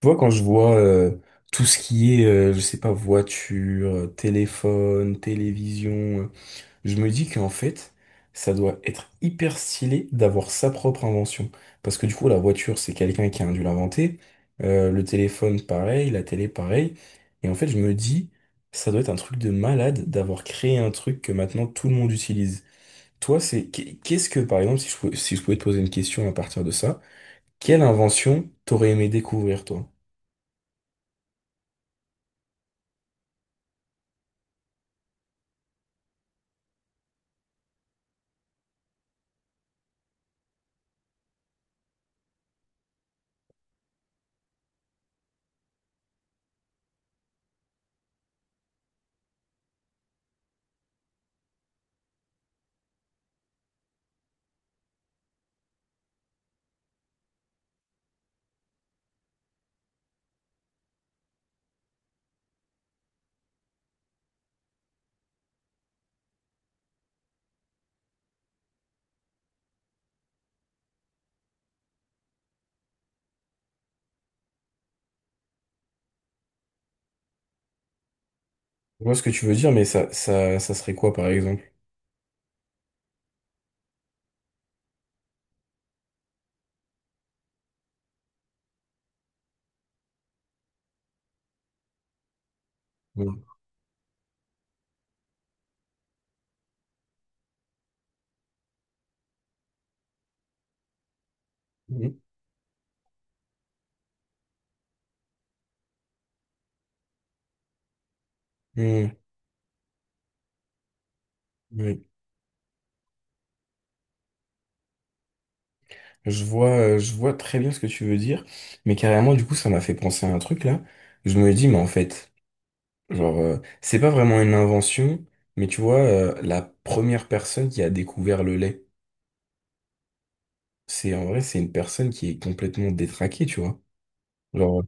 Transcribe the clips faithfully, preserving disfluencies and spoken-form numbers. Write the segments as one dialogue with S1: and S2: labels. S1: Tu vois, quand je vois euh, tout ce qui est, euh, je sais pas, voiture, euh, téléphone, télévision, euh, je me dis qu'en fait, ça doit être hyper stylé d'avoir sa propre invention. Parce que du coup, la voiture, c'est quelqu'un qui a dû l'inventer. Euh, le téléphone, pareil. La télé, pareil. Et en fait, je me dis, ça doit être un truc de malade d'avoir créé un truc que maintenant tout le monde utilise. Toi, c'est qu'est- qu'est-ce que, par exemple, si je pouvais, si je pouvais te poser une question à partir de ça, quelle invention t'aurais aimé découvrir, toi? Je vois ce que tu veux dire, mais ça, ça, ça serait quoi, par exemple? Oui. Mhm. Mhm. Oui. Je vois, euh, je vois très bien ce que tu veux dire, mais carrément, du coup, ça m'a fait penser à un truc là. Je me dis, mais en fait, genre, euh, c'est pas vraiment une invention, mais tu vois, euh, la première personne qui a découvert le lait, c'est en vrai, c'est une personne qui est complètement détraquée, tu vois. Genre,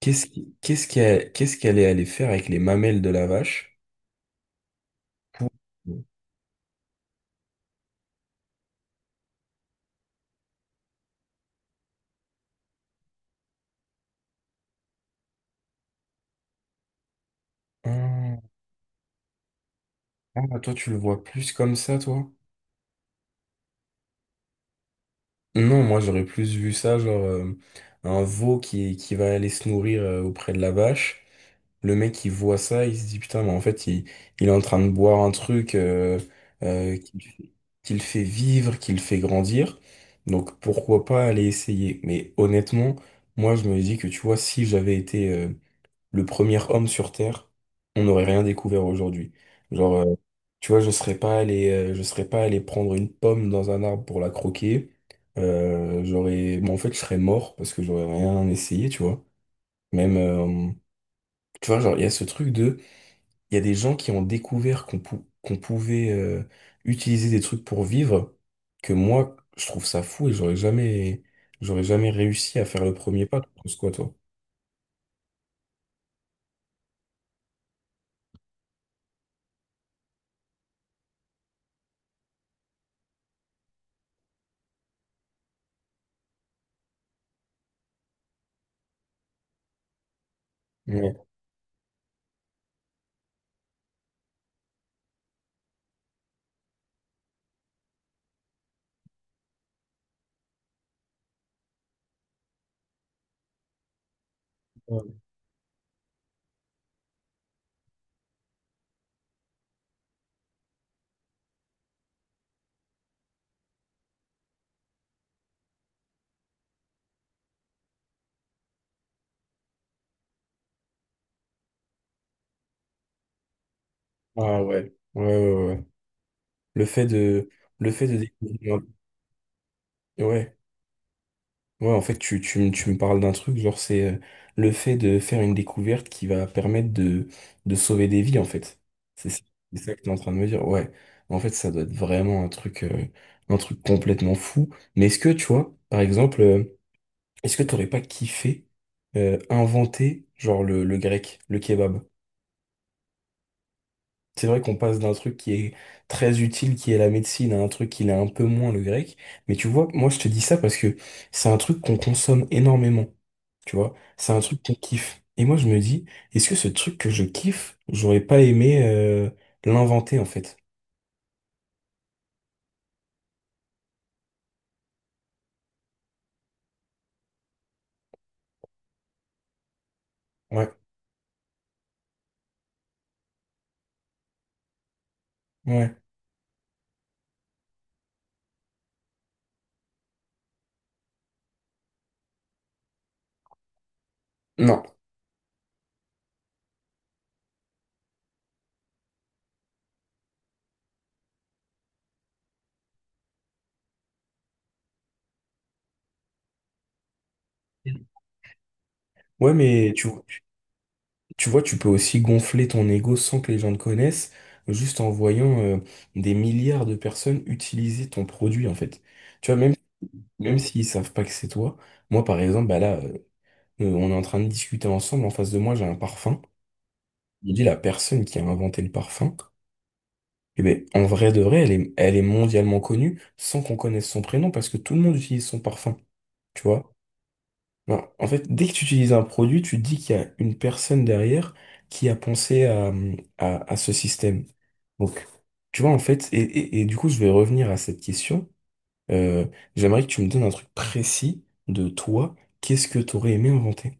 S1: qu'est-ce qui- qu'est-ce qu'elle, qu'est-ce qu'elle est allée faire avec les mamelles de la vache pour... Ah, ah, toi, tu le vois plus comme ça, toi? Non, moi j'aurais plus vu ça, genre euh, un veau qui, qui va aller se nourrir euh, auprès de la vache. Le mec il voit ça, il se dit putain, mais en fait il, il est en train de boire un truc euh, euh, qui, le fait qui le fait vivre, qui le fait grandir. Donc pourquoi pas aller essayer. Mais honnêtement, moi je me dis que tu vois, si j'avais été euh, le premier homme sur Terre, on n'aurait rien découvert aujourd'hui. Genre, euh, tu vois, je serais pas allé, euh, je serais pas allé prendre une pomme dans un arbre pour la croquer. Euh, j'aurais, bon, en fait, je serais mort parce que j'aurais rien essayé, tu vois. Même, euh, tu vois, genre, il y a ce truc de, il y a des gens qui ont découvert qu'on pou- qu'on pouvait euh, utiliser des trucs pour vivre, que moi, je trouve ça fou et j'aurais jamais, j'aurais jamais réussi à faire le premier pas. Tu penses quoi, toi? Ouais. Ah ouais. Ouais, ouais, ouais. Le fait de, le fait de découvrir, ouais, ouais, en fait, tu, tu, me- tu me parles d'un truc, genre, c'est euh, le fait de faire une découverte qui va permettre de, de sauver des vies, en fait. C'est ça c'est ça que tu es en train de me dire, ouais. En fait, ça doit être vraiment un truc, euh, un truc complètement fou. Mais est-ce que, tu vois, par exemple, euh, est-ce que t'aurais pas kiffé euh, inventer, genre, le, le grec, le kebab? C'est vrai qu'on passe d'un truc qui est très utile, qui est la médecine, à un truc qui l'est un peu moins, le grec. Mais tu vois, moi je te dis ça parce que c'est un truc qu'on consomme énormément. Tu vois, c'est un truc qu'on kiffe. Et moi je me dis, est-ce que ce truc que je kiffe, j'aurais pas aimé euh, l'inventer en fait? Ouais, ouais. Non. Ouais, mais tu, tu vois, tu peux aussi gonfler ton ego sans que les gens le connaissent, juste en voyant euh, des milliards de personnes utiliser ton produit en fait. Tu vois, même Même s'ils savent pas que c'est toi, moi par exemple, bah là, euh, euh, on est en train de discuter ensemble, en face de moi j'ai un parfum. Je dis la personne qui a inventé le parfum, eh ben, en vrai de vrai, elle est, elle est mondialement connue sans qu'on connaisse son prénom parce que tout le monde utilise son parfum, tu vois. Non, en fait, dès que tu utilises un produit, tu te dis qu'il y a une personne derrière qui a pensé à, à, à ce système. Donc, tu vois, en fait, et, et et du coup, je vais revenir à cette question. Euh, J'aimerais que tu me donnes un truc précis de toi. Qu'est-ce que tu aurais aimé inventer?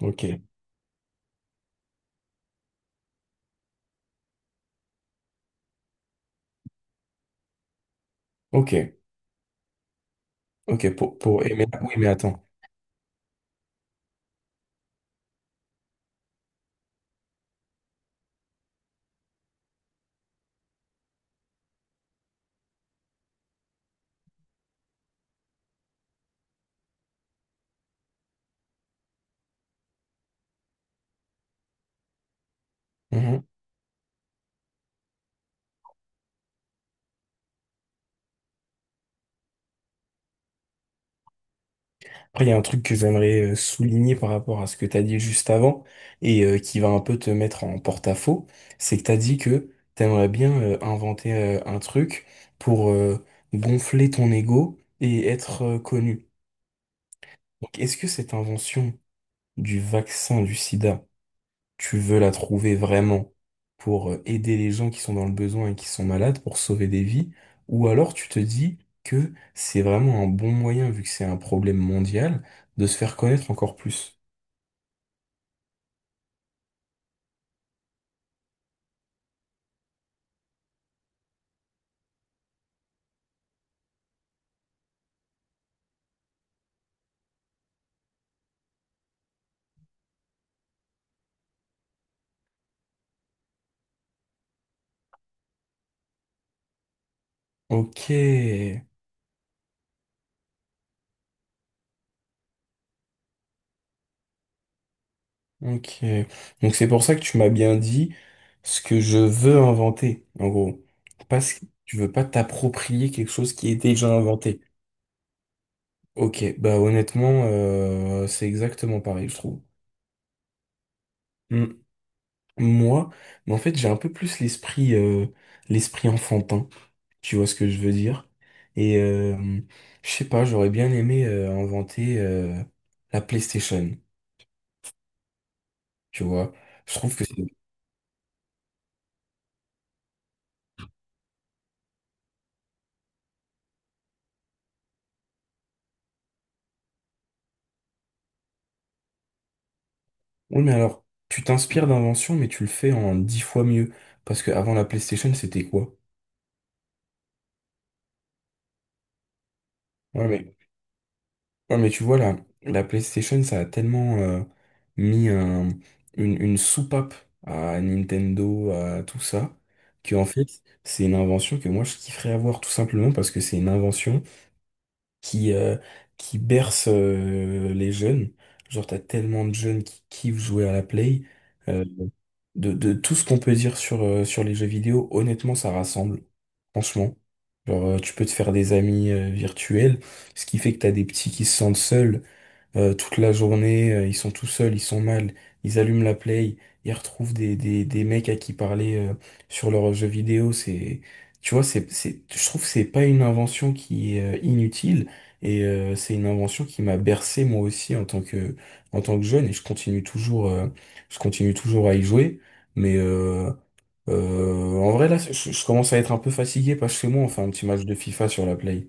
S1: Ok, ok, ok, pour, pour aimer. Oui, mais attends. Mhm. Après, il y a un truc que j'aimerais euh, souligner par rapport à ce que tu as dit juste avant et euh, qui va un peu te mettre en porte-à-faux. C'est que tu as dit que tu aimerais bien euh, inventer euh, un truc pour euh, gonfler ton ego et être euh, connu. Donc, est-ce que cette invention du vaccin du sida, tu veux la trouver vraiment pour euh, aider les gens qui sont dans le besoin et qui sont malades, pour sauver des vies, ou alors tu te dis que c'est vraiment un bon moyen, vu que c'est un problème mondial, de se faire connaître encore plus. Ok, ok. Donc c'est pour ça que tu m'as bien dit ce que je veux inventer, en gros. Parce que tu veux pas t'approprier quelque chose qui est déjà inventé. Ok, bah honnêtement, euh, c'est exactement pareil, je trouve. Mm, Moi, mais en fait, j'ai un peu plus l'esprit euh, l'esprit enfantin, tu vois ce que je veux dire. Et euh, je sais pas, j'aurais bien aimé euh, inventer euh, la PlayStation, tu vois. Je trouve que c'est... Oui, mais alors, tu t'inspires d'inventions mais tu le fais en dix fois mieux. Parce que avant la PlayStation, c'était quoi? Ouais, Ouais, mais tu vois, la, la PlayStation, ça a tellement euh, mis un- une, une soupape à Nintendo, à tout ça, que en fait, c'est une invention que moi, je kifferais avoir tout simplement parce que c'est une invention qui, euh, qui berce euh, les jeunes. Genre, t'as tellement de jeunes qui kiffent jouer à la Play. euh, de, de tout ce qu'on peut dire sur, euh, sur les jeux vidéo, honnêtement, ça rassemble. Franchement. Genre, euh, tu peux te faire des amis euh, virtuels, ce qui fait que t'as des petits qui se sentent seuls. Euh, toute la journée, euh, ils sont tout seuls, ils sont mal, ils allument la play, ils retrouvent des, des, des mecs à qui parler euh, sur leurs jeux vidéo, c'est, tu vois, c'est, c'est, je trouve que c'est pas une invention qui est euh, inutile, et euh, c'est une invention qui m'a bercé moi aussi en tant que, en tant que jeune, et je continue toujours, euh, je continue toujours à y jouer, mais euh, euh, en vrai là, je, je commence à être un peu fatigué, parce que moi, on fait un petit match de FIFA sur la play.